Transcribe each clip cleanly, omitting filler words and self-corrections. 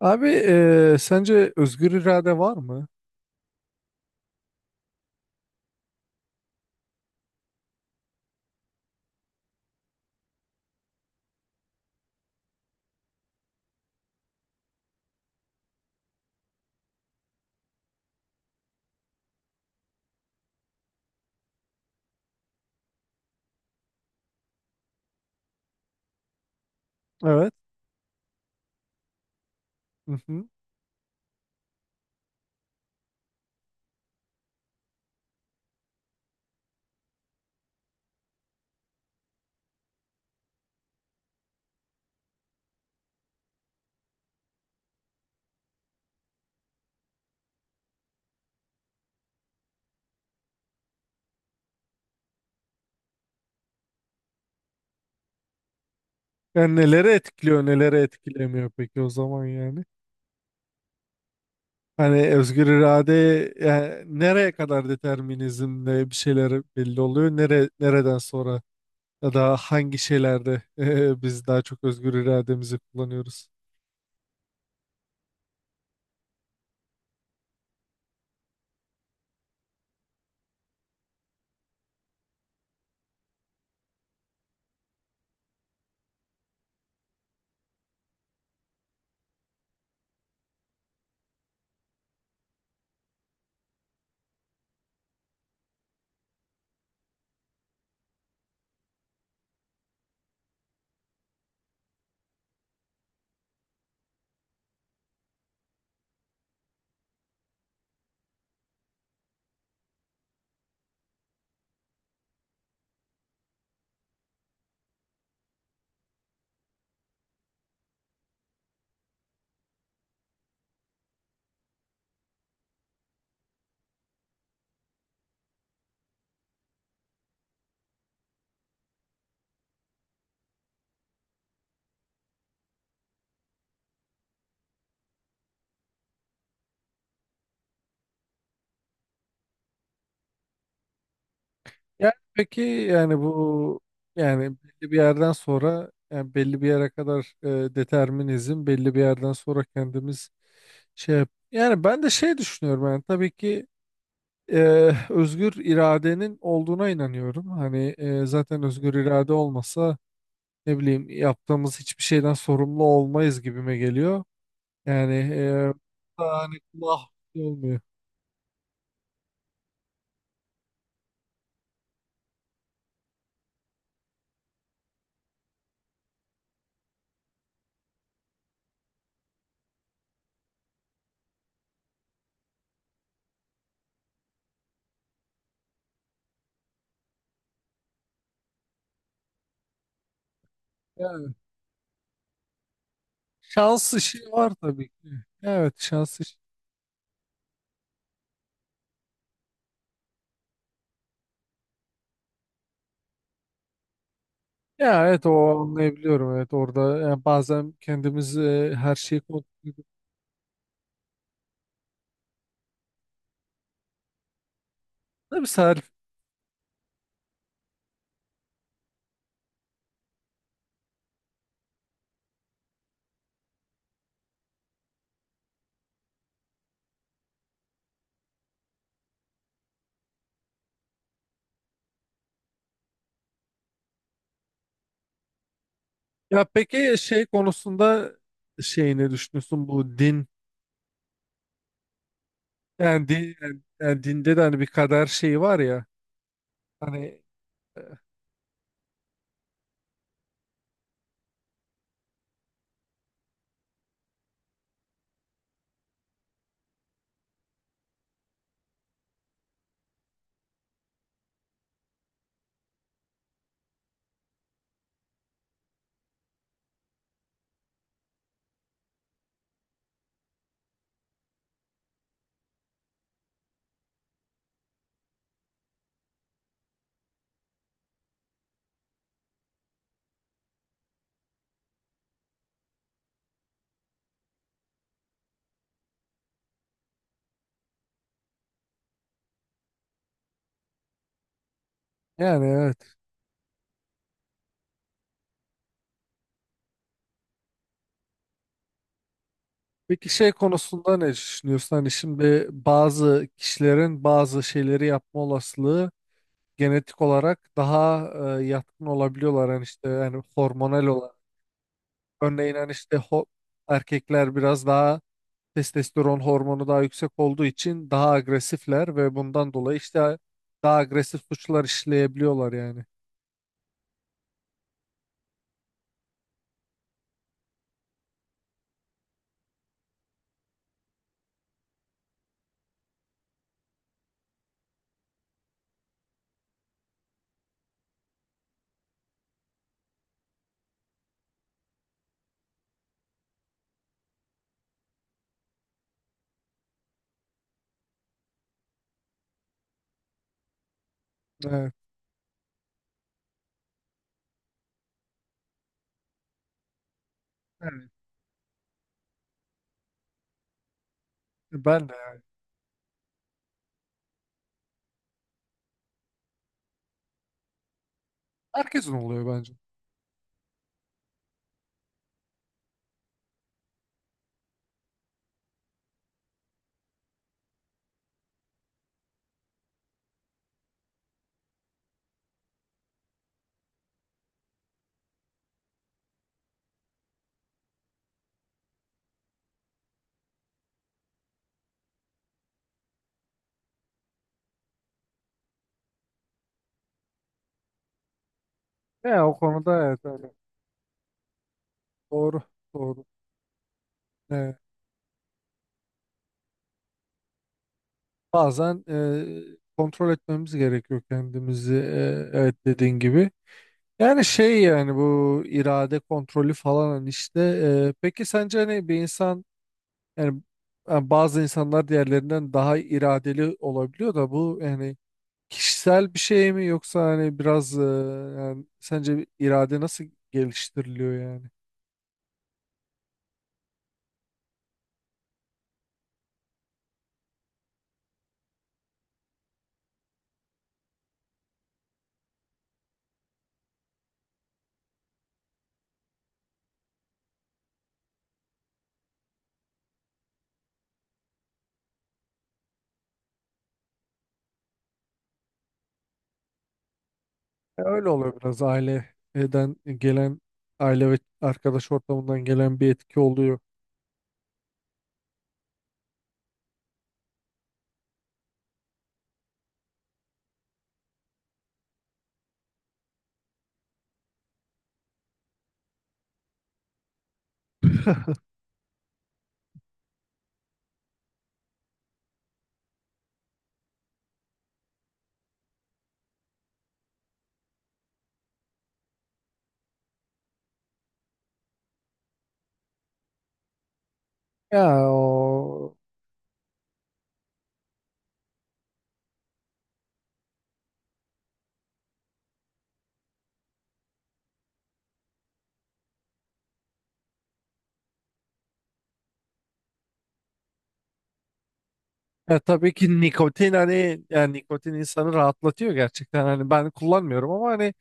Abi sence özgür irade var mı? Evet. Hı hı. Yani nelere etkiliyor, nelere etkilemiyor peki o zaman yani? Hani özgür irade yani nereye kadar determinizmle bir şeyler belli oluyor? Nereden sonra ya da hangi şeylerde biz daha çok özgür irademizi kullanıyoruz? Yani peki yani bu yani belli bir yerden sonra, yani belli bir yere kadar determinizm, belli bir yerden sonra kendimiz yani ben de şey düşünüyorum. Yani tabii ki özgür iradenin olduğuna inanıyorum. Hani zaten özgür irade olmasa ne bileyim, yaptığımız hiçbir şeyden sorumlu olmayız gibime geliyor. Yani hani kulağım olmuyor. Yani şans işi var tabii ki. Evet, şans işi. Ya evet, o anlayabiliyorum, evet orada yani bazen kendimiz her şeyi kontrol ediyoruz. Tabii Salih. Ya peki şey konusunda, şey ne düşünüyorsun, bu din yani, din, yani yani dinde de hani bir kader şeyi var ya hani, yani evet. Peki şey konusunda ne düşünüyorsun? Hani şimdi bazı kişilerin bazı şeyleri yapma olasılığı genetik olarak daha yatkın olabiliyorlar. Hani işte yani hormonal olarak. Örneğin hani işte erkekler biraz daha testosteron hormonu daha yüksek olduğu için daha agresifler ve bundan dolayı işte daha agresif suçlar işleyebiliyorlar yani. Evet. Evet. Ben de yani. Herkesin oluyor bence. Ya o konuda evet öyle. Doğru. Doğru. Evet. Bazen kontrol etmemiz gerekiyor kendimizi. E, evet dediğin gibi. Yani şey, yani bu irade kontrolü falan hani işte peki sence hani bir insan yani, yani bazı insanlar diğerlerinden daha iradeli olabiliyor da bu yani kişisel bir şey mi, yoksa hani biraz yani sence bir irade nasıl geliştiriliyor yani? Öyle oluyor biraz, aileden gelen, aile ve arkadaş ortamından gelen bir etki oluyor. Ya o, ya tabii ki nikotin, hani yani nikotin insanı rahatlatıyor gerçekten. Hani ben kullanmıyorum ama hani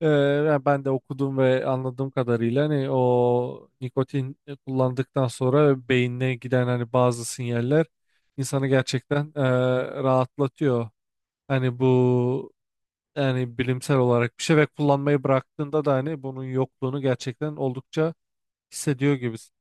Yani ben de okudum ve anladığım kadarıyla hani o nikotin kullandıktan sonra beynine giden hani bazı sinyaller insanı gerçekten rahatlatıyor. Hani bu yani bilimsel olarak bir şey ve kullanmayı bıraktığında da hani bunun yokluğunu gerçekten oldukça hissediyor gibisin.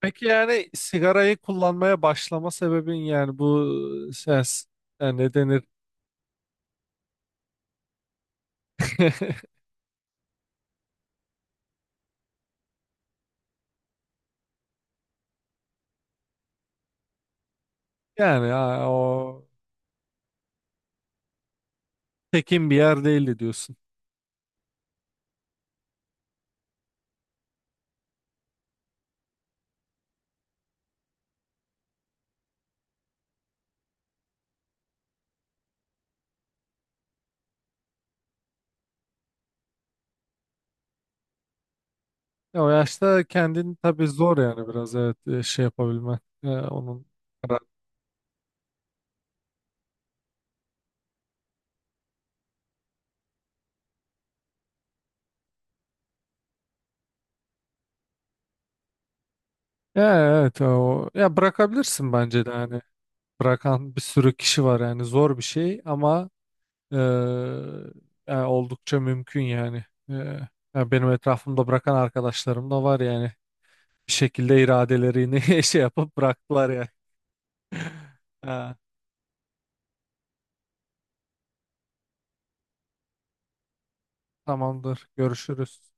Peki yani sigarayı kullanmaya başlama sebebin yani bu ses, yani ne denir? Yani ha, o tekin bir yer değildi diyorsun. Ya o yaşta kendini tabii zor yani, biraz evet, şey yapabilmen. E, onun karar- ya evet, o ya bırakabilirsin bence de, hani bırakan bir sürü kişi var yani, zor bir şey ama e, ya oldukça mümkün yani. E, ya benim etrafımda bırakan arkadaşlarım da var yani bir şekilde iradelerini şey yapıp bıraktılar yani. Ha, tamamdır, görüşürüz.